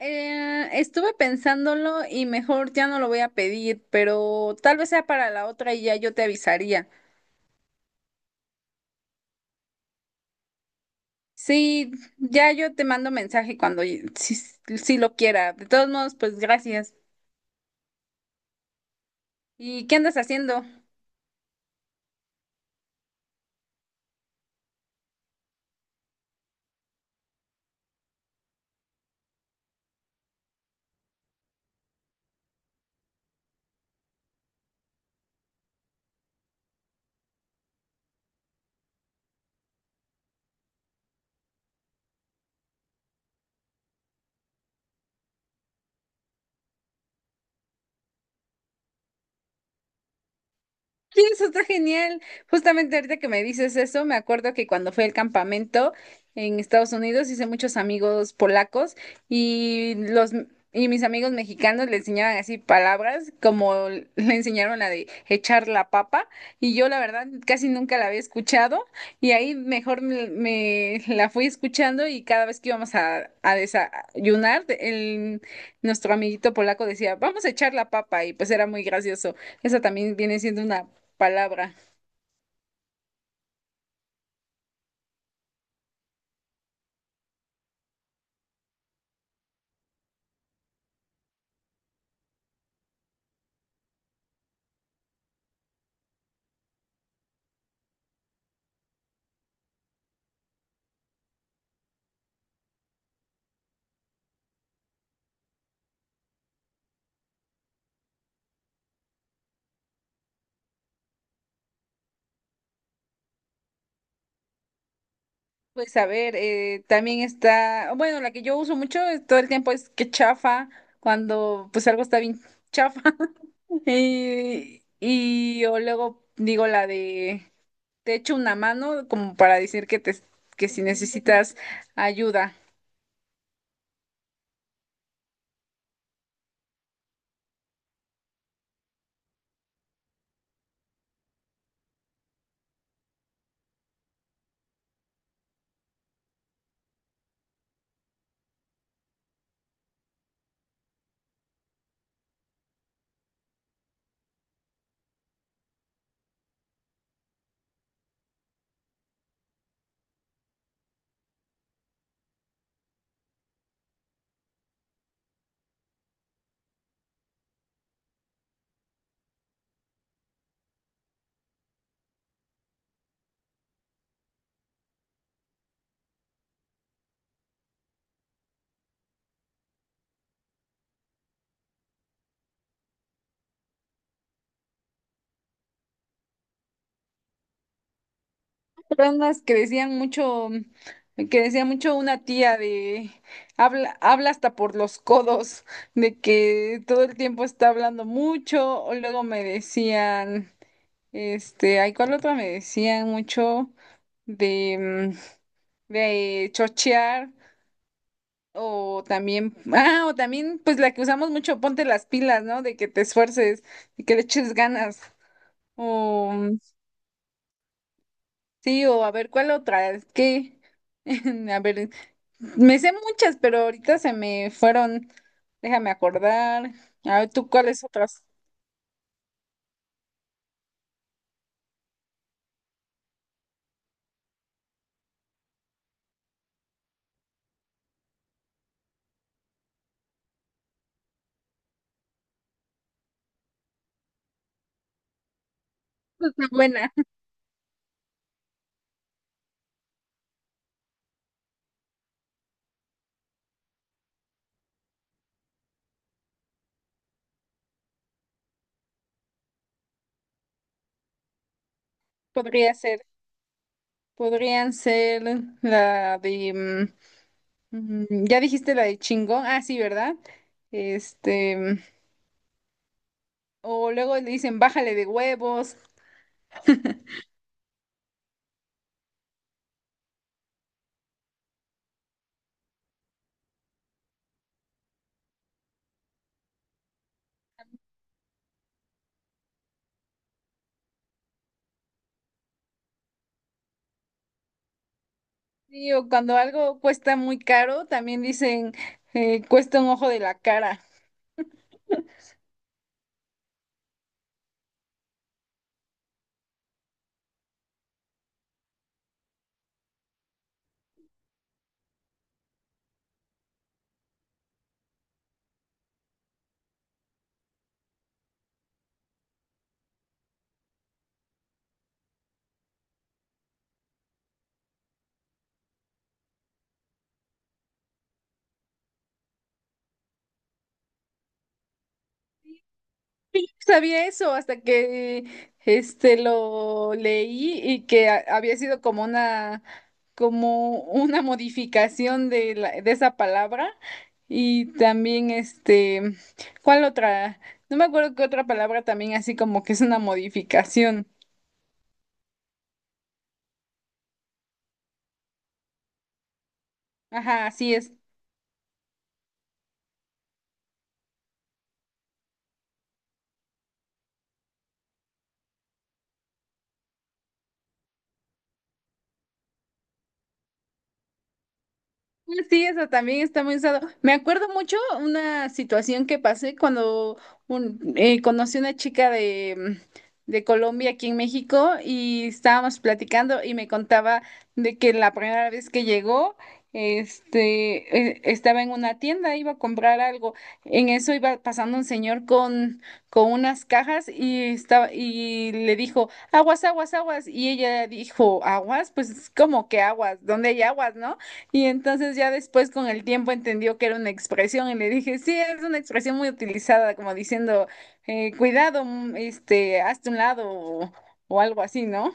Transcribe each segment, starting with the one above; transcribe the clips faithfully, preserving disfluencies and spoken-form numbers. Eh, estuve pensándolo y mejor ya no lo voy a pedir, pero tal vez sea para la otra y ya yo te avisaría. Sí, ya yo te mando mensaje cuando y- si, si lo quiera. De todos modos, pues gracias. ¿Y qué andas haciendo? Sí, eso está genial. Justamente ahorita que me dices eso, me acuerdo que cuando fui al campamento en Estados Unidos hice muchos amigos polacos y los y mis amigos mexicanos le enseñaban así palabras como le enseñaron la de echar la papa, y yo la verdad casi nunca la había escuchado, y ahí mejor me, me la fui escuchando y cada vez que íbamos a, a desayunar el, nuestro amiguito polaco decía vamos a echar la papa, y pues era muy gracioso. Esa también viene siendo una palabra. Pues a ver, eh, también está, bueno, la que yo uso mucho es- todo el tiempo es que chafa, cuando pues algo está bien chafa. Y, y yo luego digo la de, te echo una mano, como para decir que, te, que si necesitas ayuda. Eran unas que decían mucho, que decía mucho una tía de, habla, habla hasta por los codos, de que todo el tiempo está hablando mucho, o luego me decían... Este, hay cuál otra me decían mucho de, mm, de chochear, o también, ah, o también pues la que usamos mucho, ponte las pilas, ¿no? De que te esfuerces y que le eches ganas. O mm, sí, o a ver cuál otra, es que, a ver, me sé muchas, pero ahorita se me fueron, déjame acordar. A ver, ¿tú cuáles otras? Buena. podría ser, Podrían ser la de... mm, Mm, Ya dijiste la de chingón, ah, sí, ¿verdad? Este, o luego le dicen bájale de huevos. Sí, o cuando algo cuesta muy caro, también dicen eh, cuesta un ojo de la cara. Yo no sabía eso hasta que este lo leí, y que a- había sido como una, como una modificación de la- de esa palabra. Y también este ¿cuál otra? No me acuerdo qué otra palabra también así como que es una modificación. Ajá, así es. Sí, eso también está muy usado. Me acuerdo mucho una situación que pasé cuando un- eh, conocí una chica de, mm, de Colombia aquí en México, y estábamos platicando y me contaba de que la primera vez que llegó, este, eh, estaba en una tienda, iba a comprar algo. En eso iba pasando un señor con, con unas cajas y estaba, y le dijo, aguas, aguas, aguas. Y ella dijo, aguas, pues como que aguas, ¿dónde hay aguas, no? Y entonces ya después con el tiempo entendió que era una expresión, y le dije, sí, es una expresión muy utilizada, como diciendo, eh, cuidado, mm, este, hazte un lado, o, o algo así, ¿no?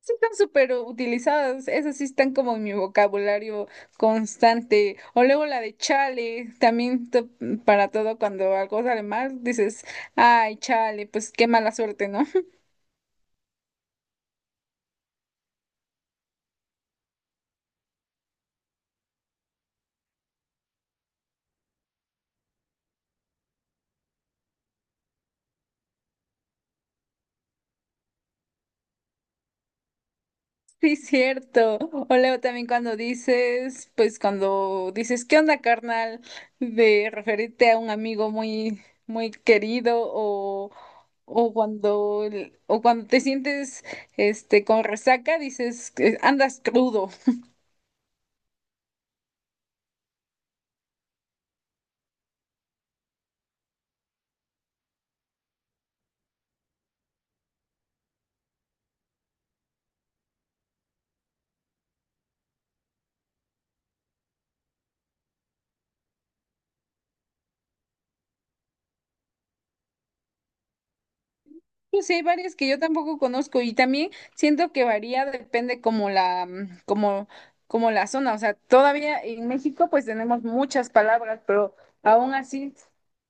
Sí, están súper utilizadas, esas sí están como en mi vocabulario constante. O luego la de chale, también to- mm, para todo, cuando algo sale mal, dices, ay, chale, pues qué mala suerte, ¿no? Sí, cierto. O luego también cuando dices, pues cuando dices, ¿qué onda, carnal? De referirte a un amigo muy, muy querido, o, o cuando, el- o cuando te sientes, este, con resaca, dices, que andas crudo. Pues sí, hay varias que yo tampoco conozco, y también siento que varía, depende como la, mm, como, como la zona. O sea, todavía en México pues tenemos muchas palabras, pero aún así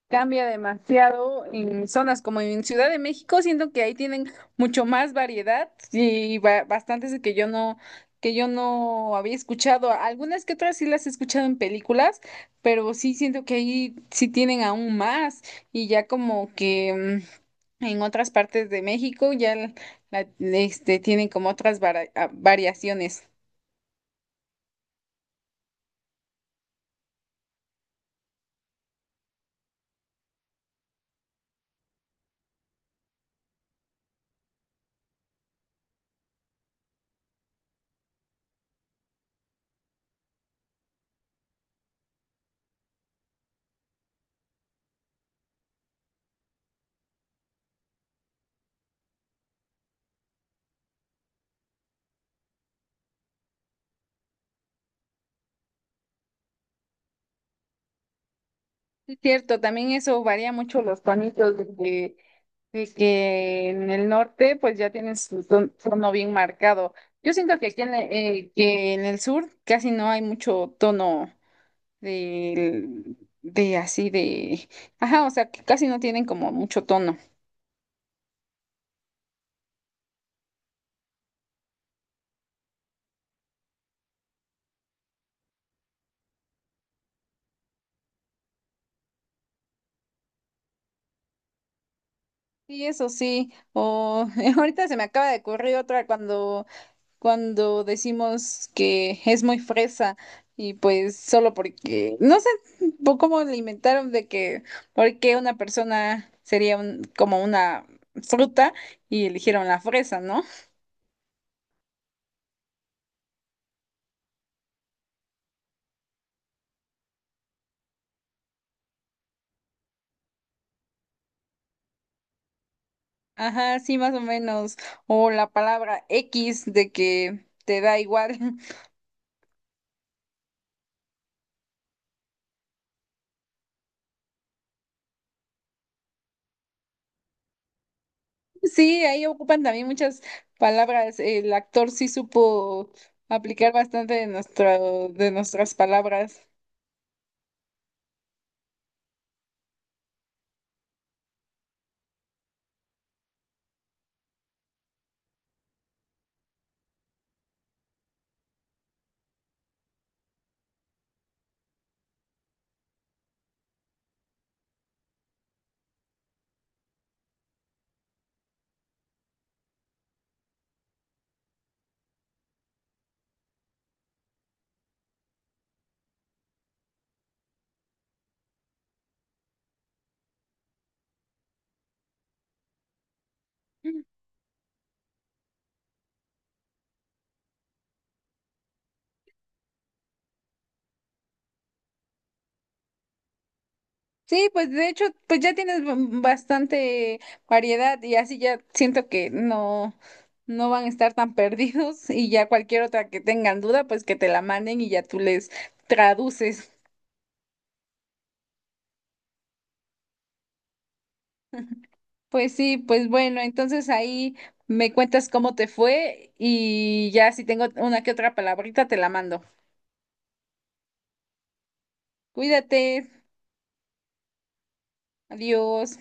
cambia demasiado en zonas como en Ciudad de México. Siento que ahí tienen mucho más variedad, y ba- bastantes que yo no, que yo no había escuchado. Algunas que otras sí las he escuchado en películas, pero sí siento que ahí sí tienen aún más, y ya como que mm, en otras partes de México ya la- la- este, tienen como otras vara- a- variaciones. Es cierto, también eso varía mucho los tonitos de que, de que en el norte pues ya tienen su ton- tono bien marcado. Yo siento que aquí en, e- eh, que en el sur casi no hay mucho tono de, de así de... Ajá, o sea, que casi no tienen como mucho tono. Sí, eso sí. O ahorita se me acaba de ocurrir otra cuando... cuando decimos que es muy fresa, y pues solo porque, no sé po- cómo le inventaron de que, por qué una persona sería un- como una fruta, y eligieron la fresa, ¿no? Ajá, sí, más o menos. O la palabra X, de que te da igual. Sí, ahí ocupan también muchas palabras. El actor sí supo aplicar bastante de nuestro, de nuestras palabras. Sí, pues de hecho, pues ya tienes b- bastante variedad, y así ya siento que no, no van a estar tan perdidos, y ya cualquier otra que tengan duda, pues que te la manden y ya tú les traduces. Pues sí, pues bueno, entonces ahí me cuentas cómo te fue, y ya si tengo una que otra palabrita te la mando. Cuídate, adiós.